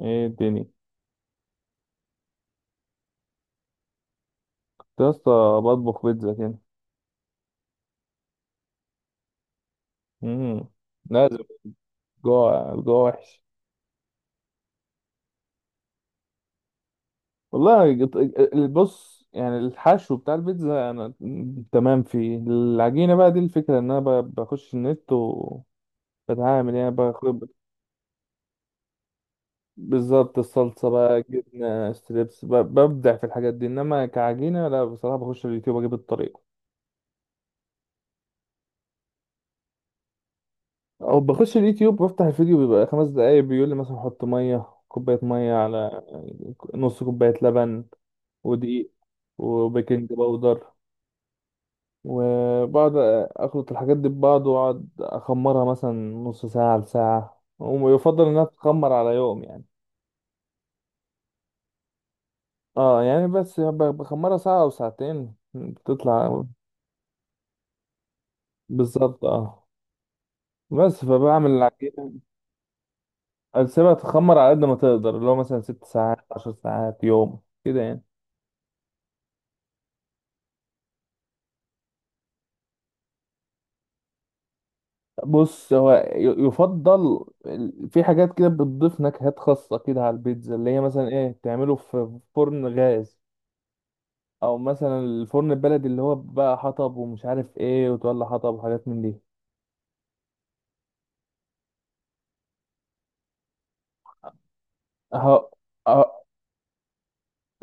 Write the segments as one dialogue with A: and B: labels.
A: ايه الدنيا كنت؟ يا اسطى، بطبخ بيتزا كده. امم. لازم. الجوع الجوع وحش. والله بص، يعني الحشو بتاع البيتزا انا تمام فيه. العجينه بقى، دي الفكره، ان انا بخش النت وبتعامل، يعني باخد بالظبط الصلصه بقى، جبنه، ستريبس، ببدع في الحاجات دي، انما كعجينه لا بصراحه، بخش اليوتيوب اجيب الطريقه. او بخش اليوتيوب، بفتح الفيديو بيبقى 5 دقايق، بيقول لي مثلا حط 100 كوبايه، 100 على نص كوبايه لبن ودقيق وبيكنج باودر، وبقعد اخلط الحاجات دي ببعض، واقعد اخمرها مثلا نص ساعة لساعة، ويفضل انها تتخمر على يوم يعني. اه يعني بس بخمرها ساعة او ساعتين بتطلع. بالظبط اه. بس فبعمل العجينة، اسيبها تخمر على قد ما تقدر، اللي هو مثلا 6 ساعات، 10 ساعات، يوم كده يعني. بص، هو في حاجات كده بتضيف نكهات خاصة كده على البيتزا، اللي هي مثلا ايه، تعمله في فرن غاز او مثلا الفرن البلدي، اللي هو بقى حطب ومش عارف ايه، وتولع حطب وحاجات من دي. اهو. اهو.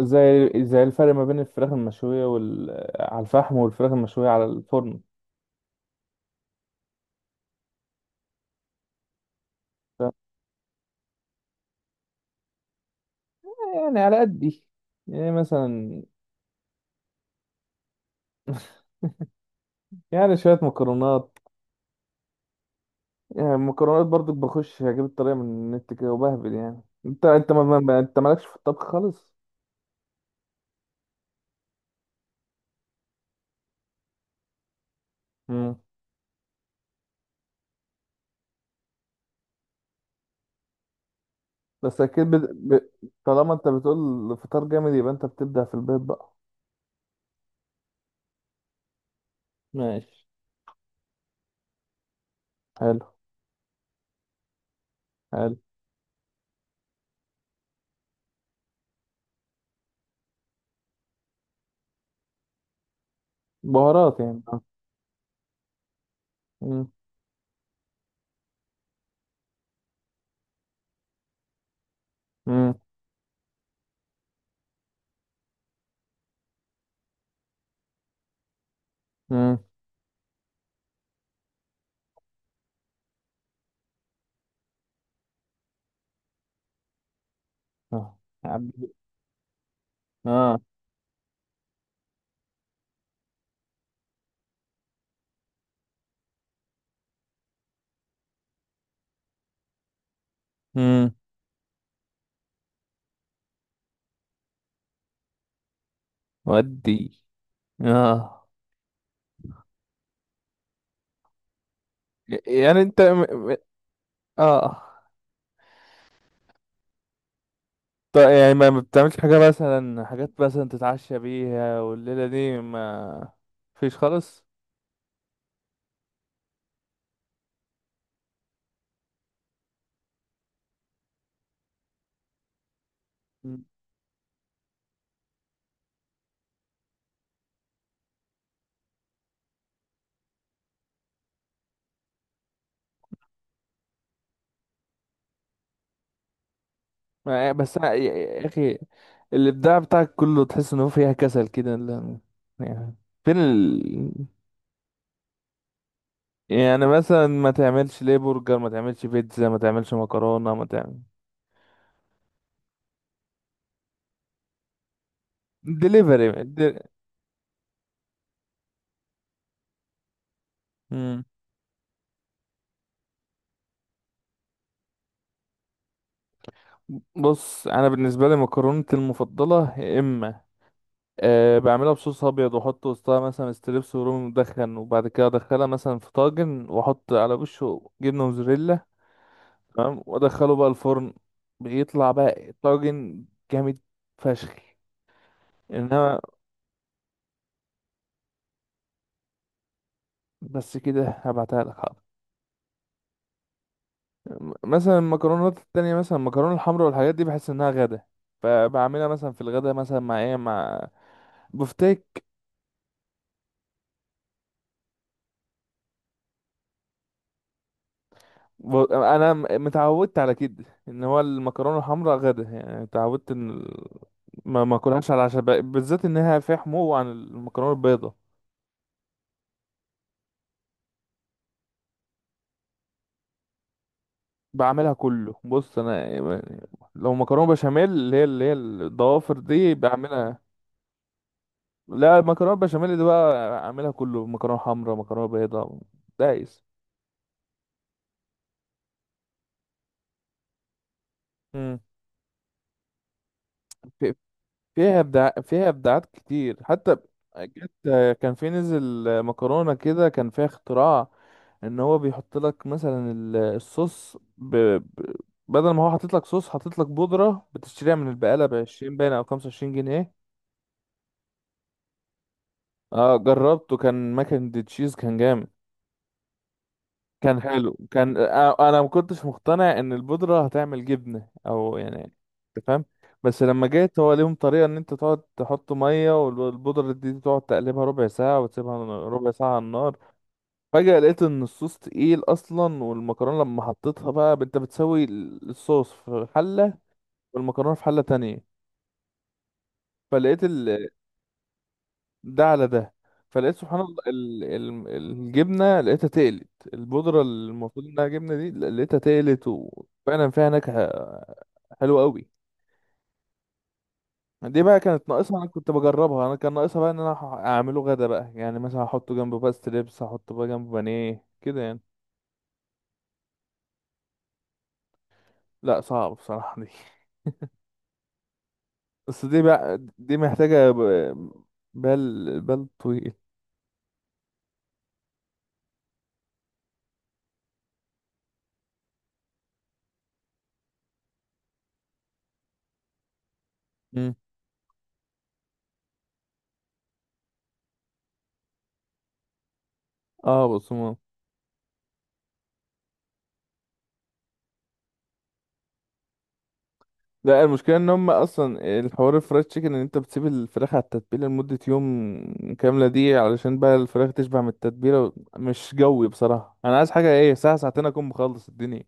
A: زي الفرق ما بين الفراخ المشوية على الفحم، والفراخ المشوية على الفرن. ف- يعني على قدي، يعني مثلا يعني شوية مكرونات. يعني المكرونات برضو، بخش اجيب الطريقة من النت كده وبهبل. يعني انت انت مالكش في الطبخ خالص. مم. بس اكيد طالما انت بتقول الفطار جامد يبقى انت بتبدع في البيت بقى. ماشي. حلو. حلو. بهارات يعني آه. مم. مم. مم. اه. يا عبد- اه. مم. ودي. اه. يعني انت م- اه طيب. يعني ما بتعملش حاجة، مثلا حاجات مثلا تتعشى بيها، والليلة دي ما فيش خالص. مم. ما بس أنا- يا اخي، الابداع بتاعك كله تحس ان هو فيها كسل كده يعني. فين ال... يعني مثلا ما تعملش ليه برجر؟ ما تعملش بيتزا؟ ما تعملش مكرونة؟ ما تعمل دليفري؟ مم. بص انا بالنسبه لي مكرونتي المفضله، يا اما أه بعملها بصوص ابيض واحط وسطها مثلا ستريبس ورومي مدخن، وبعد كده ادخلها مثلا في طاجن واحط على وشه جبنه موزاريلا. تمام، وادخله بقى الفرن. بيطلع بقى طاجن جامد فشخ. انما بس كده، هبعتها لك حاضر. مثلا المكرونات التانية، مثلا المكرونه الحمراء والحاجات دي بحس انها غدا، فبعملها مثلا في الغدا مثلا مع ايه، مع بفتيك. انا متعودت على كده ان هو المكرونه الحمراء غدا يعني، اتعودت ان ما اكلهاش على العشاء بالذات انها فيها حمو عن المكرونه البيضاء. بعملها كله، بص انا يعني لو مكرونه بشاميل، اللي هي الضوافر دي، بعملها. لا المكرونه بشاميل دي بقى، اعملها كله، مكرونه حمراء، مكرونه بيضاء، دايس. امم. فيها ابداع، فيها ابداعات كتير حتى. جت. كان في نزل مكرونه كده كان فيها اختراع، ان هو بيحط لك مثلا الصوص بدل ما هو حاطط لك صوص، حاطط لك بودره بتشتريها من البقاله ب 20 باين او 25 جنيه. اه جربته، كان ماكن دي تشيز، كان جامد. كان حلو. كان آه، انا ما كنتش مقتنع ان البودره هتعمل جبنه او يعني، انت فاهم؟ بس لما جيت، هو ليهم طريقه ان انت تقعد تحط ميه والبودره دي تقعد تقلبها ربع ساعه، وتسيبها ربع ساعه على النار. فجاه لقيت ان الصوص تقيل اصلا، والمكرونه لما حطيتها بقى، انت بتسوي الصوص في حله والمكرونه في حله تانية. فلقيت ال- ده على ده. فلقيت سبحان الله الجبنه لقيتها تقلت. البودره اللي المفروض انها جبنه دي لقيتها تقلت، وفعلا فيها نكهه حلوه قوي. دي بقى كانت ناقصها، انا كنت بجربها، انا كان ناقصها بقى ان انا اعمله غدا بقى، يعني مثلا احطه جنبه بقى ستريبس، احطه بقى جنبه بانيه كده يعني. لا، صعب بصراحه دي. بس دي بقى دي محتاجه ب... بال طويل. مم. اه بص، لا، المشكلة ان هم اصلا الحوار الفرايد تشيكن، ان انت بتسيب الفراخ على التتبيلة لمدة يوم كاملة، دي علشان بقى الفراخ تشبع من التتبيلة، مش جوي بصراحة، انا عايز حاجة ايه ساعة ساعتين اكون مخلص الدنيا.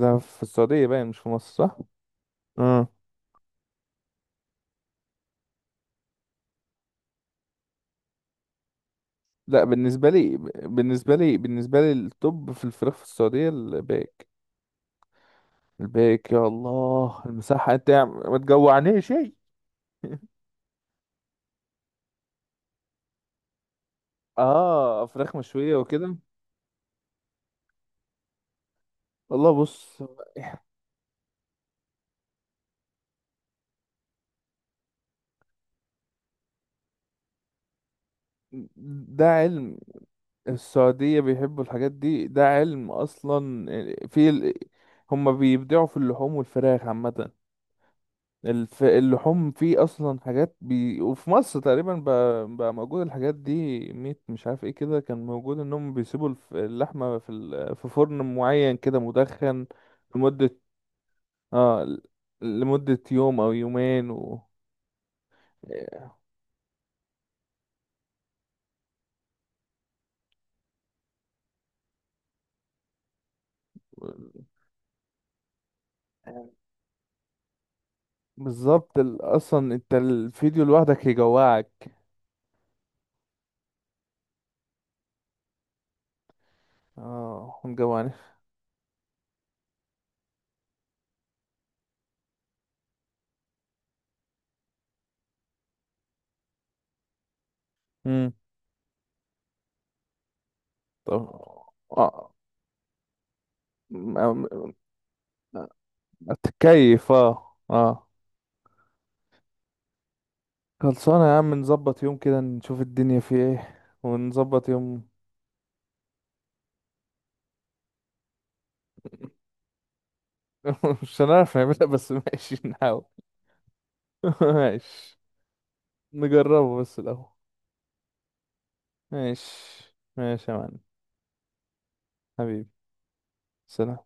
A: ده في السعودية باين، مش في مصر صح؟ اه. لا، بالنسبة لي التوب في الفراخ في السعودية الباك. الباك، يا الله المساحة، انت يا عم ما تجوعنيش شيء. اه، فراخ مشوية وكده. والله بص، ده علم. السعودية بيحبوا الحاجات دي، ده علم أصلا. في ال... هما بيبدعوا في اللحوم والفراخ عامة. اللحوم فيه أصلا حاجات بي... وفي مصر تقريبا بقى موجود الحاجات دي، ميت مش عارف ايه كده كان موجود، إنهم بيسيبوا اللحمة في ال... في فرن معين كده مدخن لمدة، اه لمدة يوم أو يومين و... بالظبط ال... أصلا انت الفيديو لوحدك يجوعك. اه مجوعني. طب اه م- م- اتكيف، اه اه. خلصانة يا عم، نظبط يوم كده نشوف الدنيا في ايه، ونظبط يوم. مش هنعرف نعملها بس، ماشي نحاول. ماشي، نجربه بس الأول. ماشي، ماشي يا معلم. حبيبي، سلام.